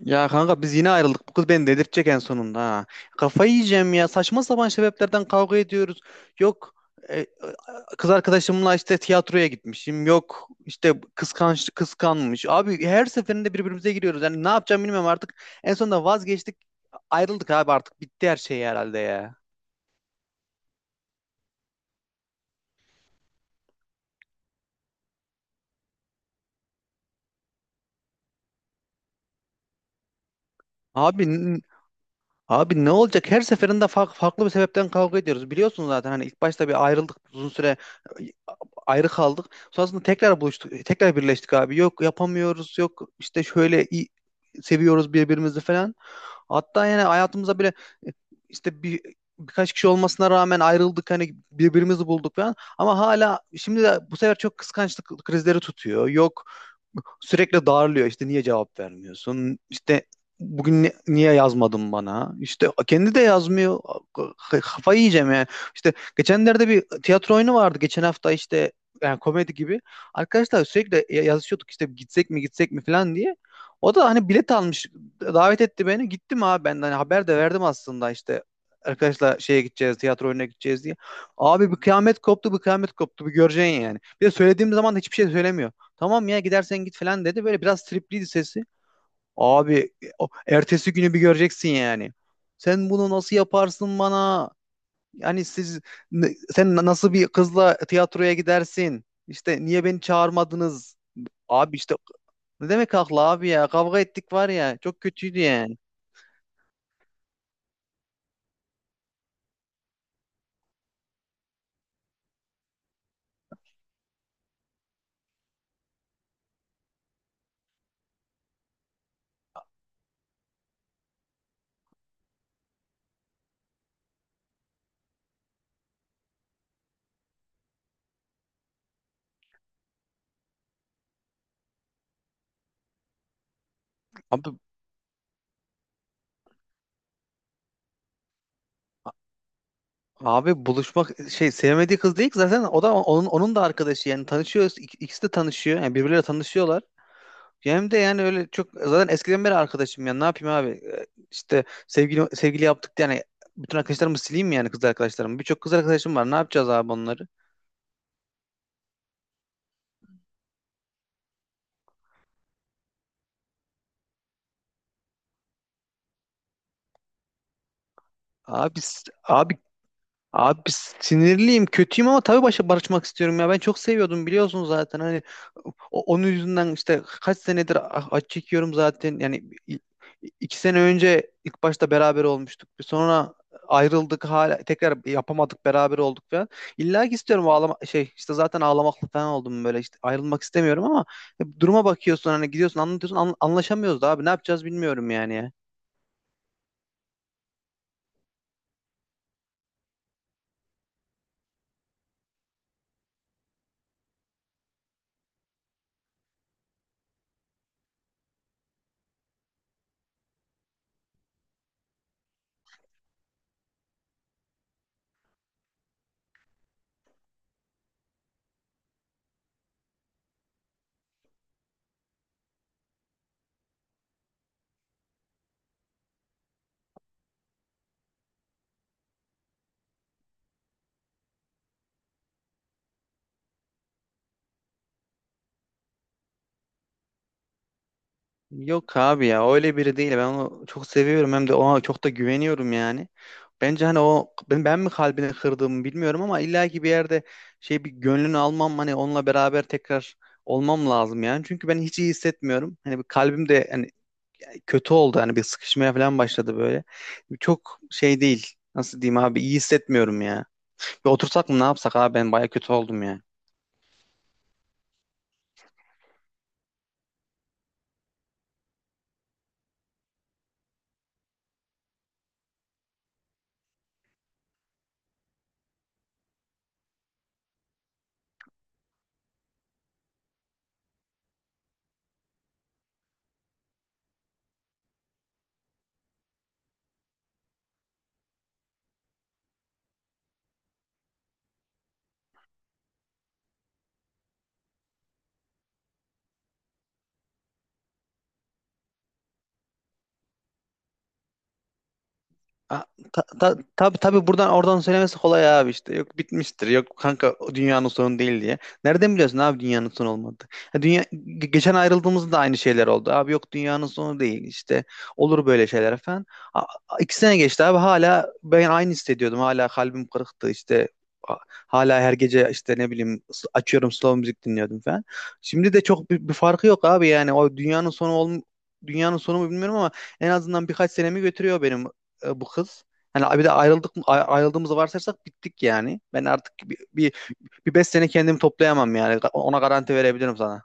Ya kanka biz yine ayrıldık. Bu kız beni delirtecek en sonunda ha. Kafayı yiyeceğim ya. Saçma sapan sebeplerden kavga ediyoruz. Yok. e, e, Kız arkadaşımla işte tiyatroya gitmişim. Yok işte kıskanç kıskanmış. Abi her seferinde birbirimize giriyoruz. Yani ne yapacağım bilmiyorum artık. En sonunda vazgeçtik. Ayrıldık abi artık. Bitti her şey herhalde ya. Abi n- abi ne olacak? Her seferinde farklı bir sebepten kavga ediyoruz. Biliyorsun zaten hani ilk başta bir ayrıldık, uzun süre ayrı kaldık. Sonrasında tekrar buluştuk. Tekrar birleştik abi. Yok, yapamıyoruz. Yok işte şöyle, iyi, seviyoruz birbirimizi falan. Hatta yani hayatımıza bile e, işte birkaç kişi olmasına rağmen ayrıldık, hani birbirimizi bulduk falan, ama hala şimdi de bu sefer çok kıskançlık krizleri tutuyor. Yok, sürekli darlıyor işte, niye cevap vermiyorsun işte, bugün niye yazmadın bana işte, kendi de yazmıyor. Kafayı yiyeceğim yani. İşte geçenlerde bir tiyatro oyunu vardı, geçen hafta işte, yani komedi gibi. Arkadaşlar sürekli yazışıyorduk işte, gitsek mi gitsek mi falan diye. O da hani bilet almış, davet etti beni, gittim abi. Ben de hani haber de verdim aslında işte, arkadaşlar şeye gideceğiz, tiyatro oyununa gideceğiz diye. Abi bir kıyamet koptu, bir kıyamet koptu, bir göreceksin yani. Bir de söylediğim zaman da hiçbir şey söylemiyor. Tamam ya, gidersen git falan dedi. Böyle biraz tripliydi sesi. Abi ertesi günü bir göreceksin yani. Sen bunu nasıl yaparsın bana? Yani siz ne- sen na- nasıl bir kızla tiyatroya gidersin? İşte niye beni çağırmadınız? Abi işte ne demek haklı abi ya? Kavga ettik var ya. Çok kötüydü yani. Abi abi buluşmak, şey, sevmediği kız değil ki zaten, o da onun da arkadaşı, yani tanışıyoruz. İkisi de tanışıyor. Yani birbirleriyle tanışıyorlar. Hem de yani öyle çok, zaten eskiden beri arkadaşım ya, ne yapayım abi? İşte sevgili sevgili yaptık diye yani bütün arkadaşlarımı sileyim mi yani? Kız arkadaşlarımı, birçok kız arkadaşım var, ne yapacağız abi onları? Abi s- abi Abi sinirliyim, kötüyüm, ama tabii başa barışmak istiyorum ya. Ben çok seviyordum, biliyorsun zaten. Hani onun yüzünden işte kaç senedir acı çekiyorum zaten. Yani i- iki sene önce ilk başta beraber olmuştuk. Sonra ayrıldık, hala tekrar yapamadık, beraber olduk falan. İlla ki istiyorum, ağlama şey işte, zaten ağlamaklı falan oldum böyle işte, ayrılmak istemiyorum, ama duruma bakıyorsun hani, gidiyorsun anlatıyorsun, anlaşamıyoruz da abi, ne yapacağız bilmiyorum yani ya. Yok abi ya, öyle biri değil. Ben onu çok seviyorum, hem de ona çok da güveniyorum yani. Bence hani o ben mi kalbini kırdığımı bilmiyorum, ama illaki bir yerde şey, bir gönlünü almam, hani onunla beraber tekrar olmam lazım yani. Çünkü ben hiç iyi hissetmiyorum. Hani bir kalbim de hani kötü oldu, hani bir sıkışmaya falan başladı böyle. Çok şey değil. Nasıl diyeyim abi, iyi hissetmiyorum ya. Bir otursak mı, ne yapsak abi, ben baya kötü oldum ya. A- tabii tabii, buradan oradan söylemesi kolay abi işte. Yok bitmiştir, yok kanka o dünyanın sonu değil diye. Nereden biliyorsun abi dünyanın sonu olmadı? Ha, dünya geçen ayrıldığımızda da aynı şeyler oldu. Abi yok dünyanın sonu değil işte, olur böyle şeyler falan. A, a- iki sene geçti abi, hala ben aynı hissediyordum. Hala kalbim kırıktı işte. A- Hala her gece işte, ne bileyim, açıyorum slow müzik dinliyordum falan. Şimdi de çok bir farkı yok abi. Yani o dünyanın sonu mu bilmiyorum, ama en azından birkaç senemi götürüyor benim, bu kız. Hani bir de ayrıldığımızı varsayarsak bittik yani. Ben artık bir, bir, bir beş sene kendimi toplayamam yani. Ona garanti verebilirim sana.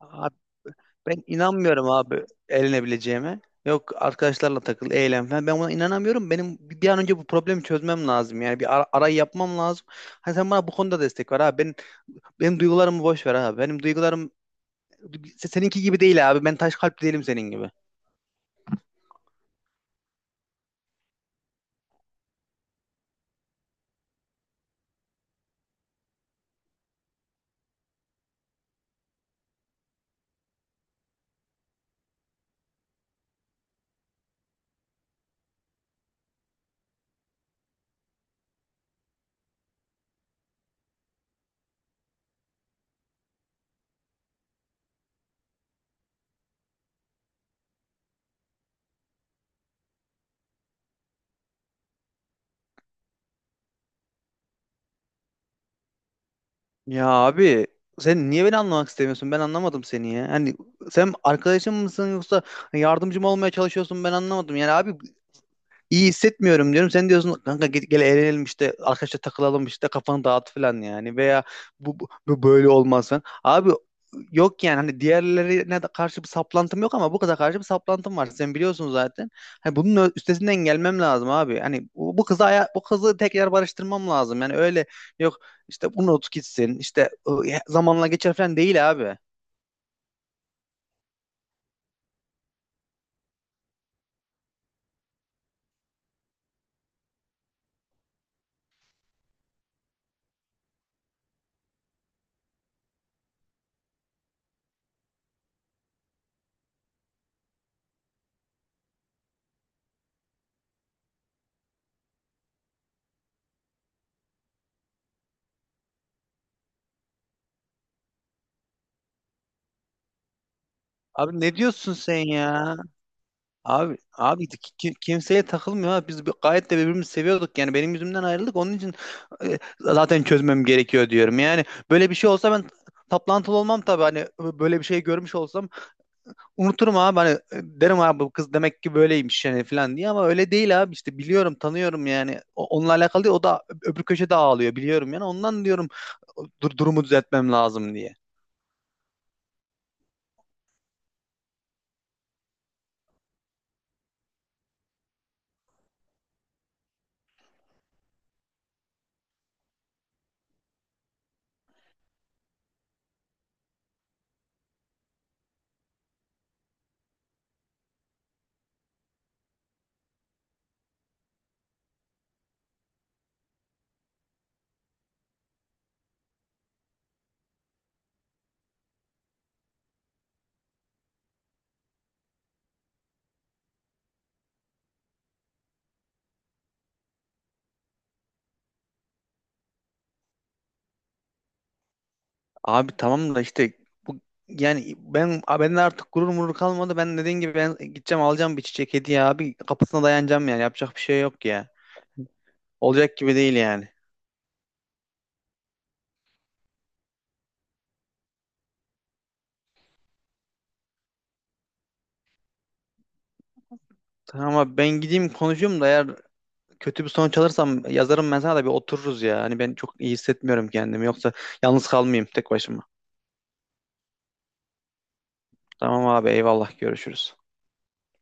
Abi ben inanmıyorum abi elinebileceğime. Yok arkadaşlarla takıl, eğlen falan, ben buna inanamıyorum. Benim bir an önce bu problemi çözmem lazım. Yani bir arayı yapmam lazım. Hani sen bana bu konuda destek ver abi. Benim duygularımı boş ver abi. Benim duygularım seninki gibi değil abi. Ben taş kalpli değilim senin gibi. Ya abi, sen niye beni anlamak istemiyorsun? Ben anlamadım seni ya. Hani sen arkadaşım mısın, yoksa yardımcım olmaya çalışıyorsun? Ben anlamadım. Yani abi, İyi hissetmiyorum diyorum. Sen diyorsun kanka gel, gel eğlenelim işte, arkadaşlar takılalım işte, kafanı dağıt falan yani, veya bu böyle olmaz falan. Abi yok yani, hani diğerlerine de karşı bir saplantım yok, ama bu kıza karşı bir saplantım var. Sen biliyorsun zaten. Hani bunun üstesinden gelmem lazım abi. Hani bu kızı tekrar barıştırmam lazım. Yani öyle yok işte, bunu unut gitsin işte, zamanla geçer falan değil abi. Abi ne diyorsun sen ya? Kimseye takılmıyor ha. Biz gayet de birbirimizi seviyorduk. Yani benim yüzümden ayrıldık. Onun için zaten çözmem gerekiyor diyorum. Yani böyle bir şey olsa ben taplantılı olmam tabii. Hani böyle bir şey görmüş olsam unuturum abi. Hani derim abi, bu kız demek ki böyleymiş yani falan diye, ama öyle değil abi. İşte biliyorum, tanıyorum yani. Onunla alakalı değil. O da öbür köşede ağlıyor, biliyorum yani. Ondan diyorum durumu düzeltmem lazım diye. Abi tamam da işte bu, yani ben bende artık gurur murur kalmadı. Ben dediğin gibi, ben gideceğim, alacağım bir çiçek, hediye abi, kapısına dayanacağım yani. Yapacak bir şey yok ya. Olacak gibi değil yani. Tamam abi, ben gideyim konuşayım da, eğer kötü bir sonuç alırsam yazarım ben sana, da bir otururuz ya. Hani ben çok iyi hissetmiyorum kendimi, yoksa yalnız kalmayayım tek başıma. Tamam abi, eyvallah, görüşürüz.